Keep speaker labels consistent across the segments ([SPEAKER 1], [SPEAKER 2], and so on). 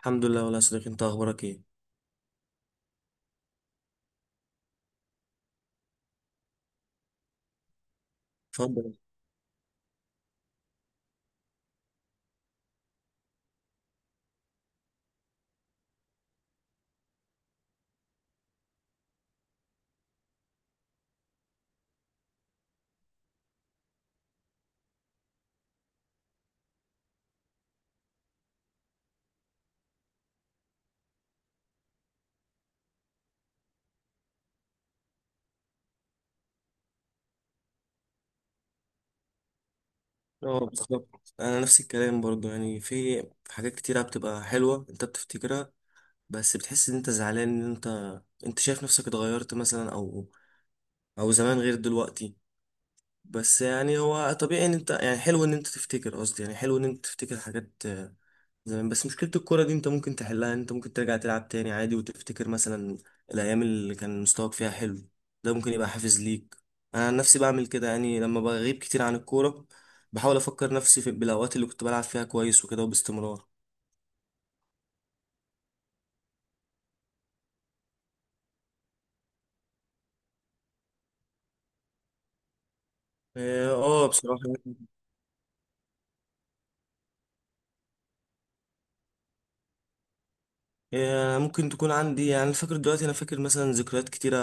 [SPEAKER 1] الحمد لله والله يا صديقي، انت اخبارك ايه؟ اتفضل. اه، بالظبط. انا نفس الكلام برضو، يعني في حاجات كتيره بتبقى حلوه انت بتفتكرها، بس بتحس ان انت زعلان، ان انت شايف نفسك اتغيرت مثلا، او زمان غير دلوقتي. بس يعني هو طبيعي ان انت، يعني حلو ان انت تفتكر، قصدي يعني حلو ان انت تفتكر حاجات زمان. بس مشكلة الكورة دي انت ممكن تحلها، انت ممكن ترجع تلعب تاني عادي وتفتكر مثلا الأيام اللي كان مستواك فيها حلو. ده ممكن يبقى حافز ليك. أنا عن نفسي بعمل كده، يعني لما بغيب كتير عن الكورة بحاول أفكر نفسي في بالأوقات اللي كنت بلعب فيها كويس وكده، وباستمرار. اه. بصراحة، ممكن تكون عندي. يعني أنا فاكر دلوقتي، انا فاكر مثلا ذكريات كتيره،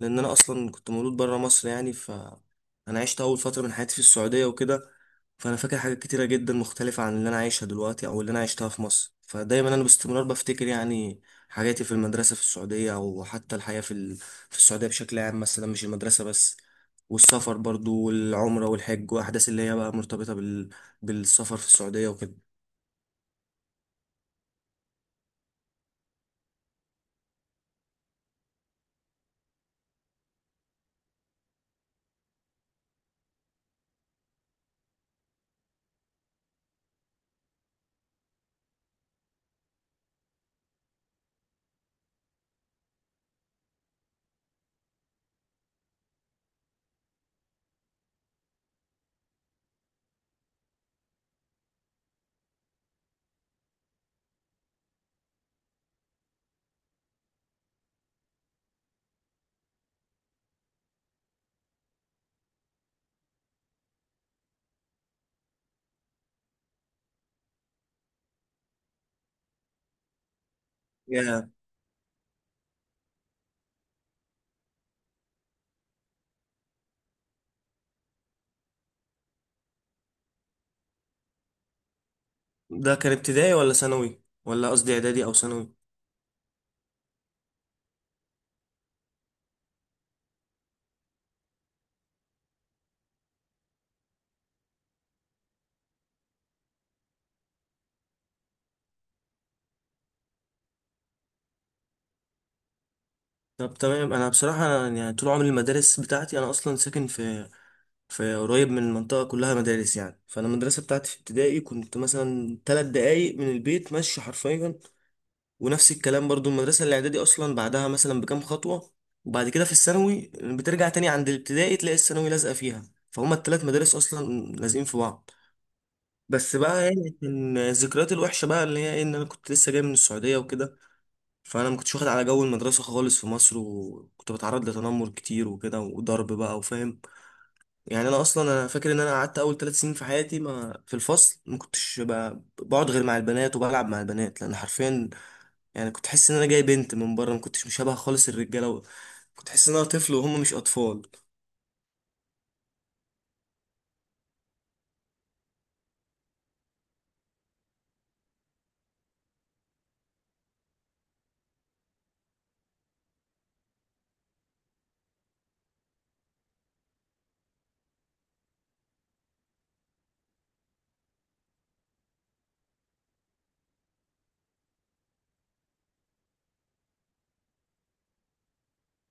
[SPEAKER 1] لان انا اصلا كنت مولود بره مصر يعني. انا عشت اول فتره من حياتي في السعوديه وكده، فانا فاكر حاجات كتيره جدا مختلفه عن اللي انا عايشها دلوقتي او اللي انا عشتها في مصر، فدايما انا باستمرار بفتكر يعني حياتي في المدرسه في السعوديه، او حتى الحياه في في السعوديه بشكل عام مثلا، مش المدرسه بس. والسفر برضو والعمره والحج واحداث اللي هي بقى مرتبطه بالسفر في السعوديه وكده. ده كان ابتدائي ولا ثانوي، ولا قصدي اعدادي او ثانوي؟ طب تمام. انا بصراحه، أنا يعني طول عمري المدارس بتاعتي، انا اصلا ساكن في، في قريب من المنطقه كلها مدارس يعني، فانا المدرسه بتاعتي في ابتدائي كنت مثلا 3 دقايق من البيت ماشي حرفيا. ونفس الكلام برضو المدرسه الاعدادي اصلا بعدها مثلا بكام خطوه. وبعد كده في الثانوي بترجع تاني عند الابتدائي تلاقي الثانوي لازقه فيها، فهما الثلاث مدارس اصلا لازقين في بعض. بس بقى يعني كان ذكريات الوحشه بقى اللي هي، ان انا كنت لسه جاي من السعوديه وكده، فانا ما كنتش واخد على جو المدرسه خالص في مصر، وكنت بتعرض لتنمر كتير وكده وضرب بقى، وفاهم يعني. انا اصلا، انا فاكر ان انا قعدت اول 3 سنين في حياتي ما في الفصل، ما كنتش بقعد غير مع البنات وبلعب مع البنات، لان حرفيا يعني كنت حاسس ان انا جاي بنت من بره، ما كنتش مشابه خالص الرجاله كنت حاسس ان انا طفل وهم مش اطفال.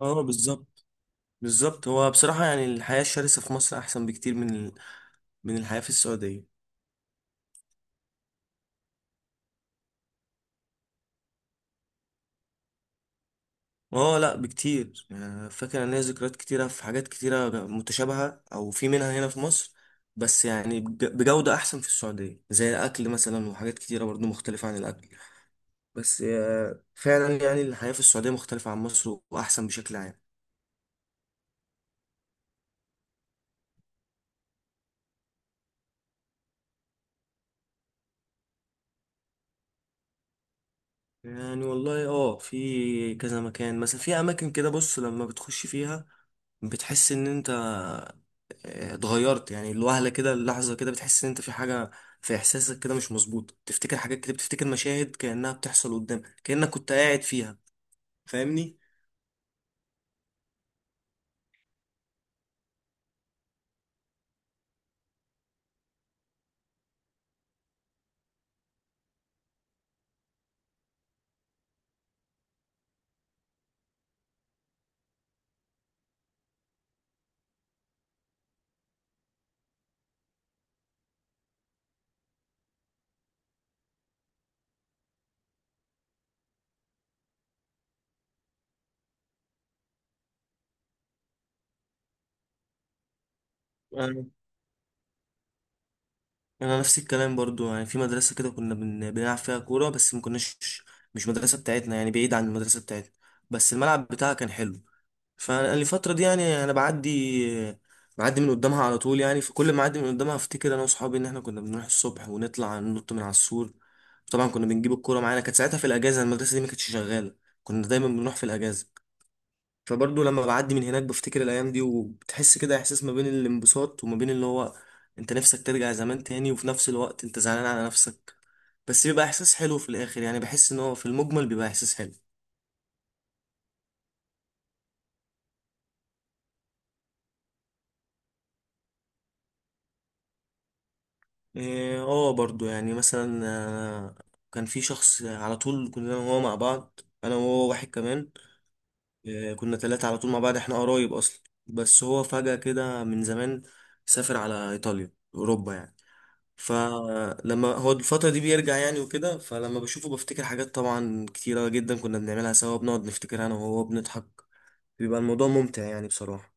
[SPEAKER 1] اه بالظبط. بالظبط. هو بصراحه يعني الحياه الشرسه في مصر احسن بكتير من من الحياه في السعوديه. اه لا، بكتير. يعني فاكر ان ليا ذكريات كتيره في حاجات كتيره متشابهه او في منها هنا في مصر، بس يعني بجوده احسن في السعوديه، زي الاكل مثلا وحاجات كتيره برضو مختلفه عن الاكل. بس فعلا يعني الحياه في السعوديه مختلفه عن مصر واحسن بشكل عام. يعني والله اه، في كذا مكان مثلا، في اماكن كده بص لما بتخش فيها بتحس ان انت اتغيرت، يعني الوهلة كده، اللحظة كده بتحس ان انت في حاجة، في احساسك كده مش مظبوط، تفتكر حاجات كده، بتفتكر مشاهد كأنها بتحصل قدامك كأنك كنت قاعد فيها. فاهمني؟ انا، أنا نفس الكلام برضو، يعني في مدرسة كده كنا بنلعب فيها كورة، بس ما كناش، مش مدرسة بتاعتنا يعني، بعيد عن المدرسة بتاعتنا، بس الملعب بتاعها كان حلو. فالفترة دي يعني أنا بعدي من قدامها على طول يعني، فكل ما أعدي من قدامها أفتكر أنا وأصحابي إن إحنا كنا بنروح الصبح ونطلع ننط من على السور. طبعا كنا بنجيب الكورة معانا، كانت ساعتها في الأجازة، المدرسة دي ما كانتش شغالة، كنا دايما بنروح في الأجازة. فبرضه لما بعدي من هناك بفتكر الأيام دي، وبتحس كده إحساس ما بين الانبساط وما بين اللي هو، أنت نفسك ترجع زمان تاني، وفي نفس الوقت أنت زعلان على نفسك. بس بيبقى إحساس حلو في الآخر، يعني بحس إن هو في المجمل بيبقى إحساس حلو. اه، برضو يعني مثلا، كان في شخص على طول كنا انا وهو مع بعض، انا وهو واحد كمان، كنا 3 على طول مع بعض، احنا قرايب اصلا، بس هو فجأة كده من زمان سافر على ايطاليا، اوروبا يعني. فلما هو الفترة دي بيرجع يعني وكده، فلما بشوفه بفتكر حاجات طبعا كتيرة جدا كنا بنعملها سوا، بنقعد نفتكر انا وهو، بنضحك. بيبقى الموضوع ممتع يعني بصراحة.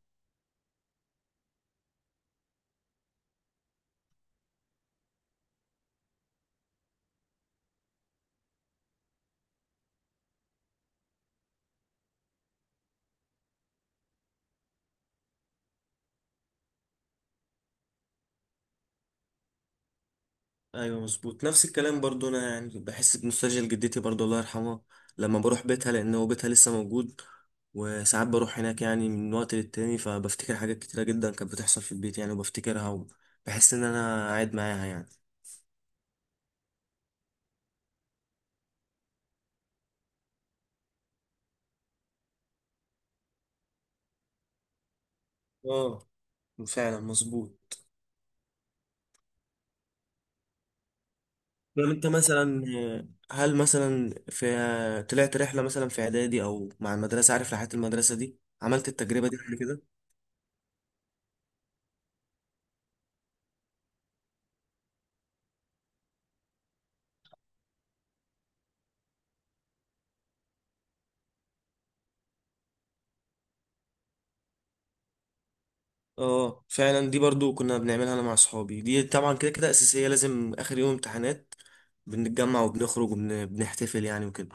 [SPEAKER 1] ايوه مظبوط، نفس الكلام برضو. انا يعني بحس بنوستالجيا لجدتي برضو، الله يرحمها، لما بروح بيتها، لان هو بيتها لسه موجود، وساعات بروح هناك يعني من وقت للتاني، فبفتكر حاجات كتيرة جدا كانت بتحصل في البيت يعني وبفتكرها، وبحس ان انا قاعد معاها يعني. اه فعلا مظبوط. طب انت مثلا، هل مثلا في، طلعت رحلة مثلا في اعدادي او مع المدرسة؟ عارف رحلات المدرسة دي؟ عملت التجربة دي قبل كده؟ اه فعلا، دي برضو كنا بنعملها انا مع صحابي، دي طبعا كده كده اساسيه، لازم اخر يوم امتحانات بنتجمع وبنخرج وبنحتفل يعني وكده.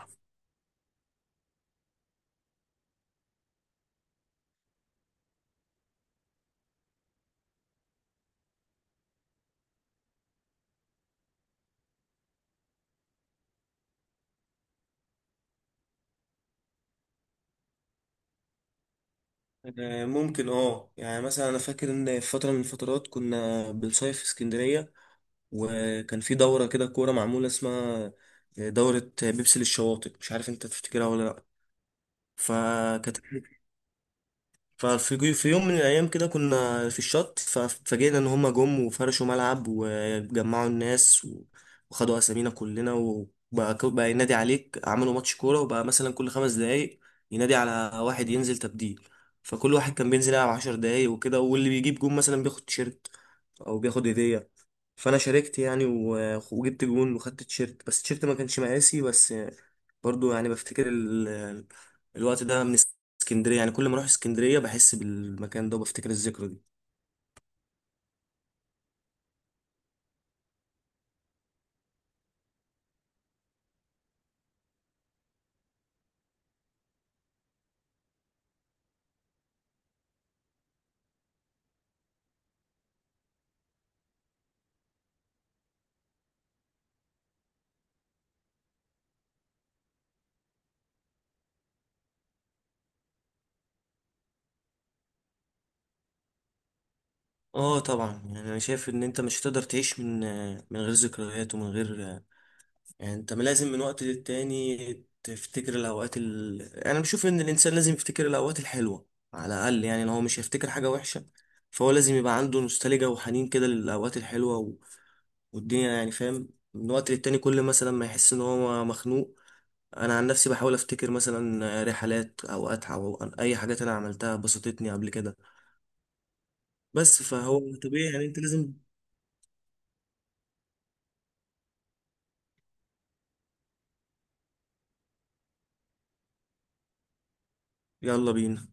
[SPEAKER 1] ممكن، اه. يعني مثلا انا فاكر ان في فتره من الفترات كنا بنصيف في اسكندريه، وكان في دوره كده كوره معموله اسمها دوره بيبسي للشواطئ، مش عارف انت تفتكرها ولا لا. فكانت، ففي يوم من الأيام كده كنا في الشط، ففاجئنا إن هما جم وفرشوا ملعب وجمعوا الناس وخدوا أسامينا كلنا، وبقى بقى ينادي عليك، عملوا ماتش كورة وبقى مثلا كل 5 دقايق ينادي على واحد ينزل تبديل. فكل واحد كان بينزل يلعب 10 دقايق وكده، واللي بيجيب جون مثلا بياخد تيشيرت أو بياخد هدية. فأنا شاركت يعني وجبت جون وخدت تيشيرت، بس التيشيرت ما كانش مقاسي. بس برضو يعني بفتكر الوقت ده من اسكندريه، يعني كل ما اروح اسكندريه بحس بالمكان ده وبفتكر الذكرى دي. اه طبعا. يعني انا شايف ان انت مش هتقدر تعيش من، من غير ذكريات ومن غير، يعني انت لازم من وقت للتاني تفتكر الاوقات انا بشوف ان الانسان لازم يفتكر الاوقات الحلوه على الاقل. يعني لو هو مش هيفتكر حاجه وحشه، فهو لازم يبقى عنده نوستالجيا وحنين كده للاوقات الحلوه والدنيا يعني، فاهم. من وقت للتاني كل مثلا ما يحس ان هو مخنوق، انا عن نفسي بحاول افتكر مثلا رحلات او اتعه او اي حاجات انا عملتها بسطتني قبل كده. بس فهو طبيعي يعني انت لازم. يلا بينا.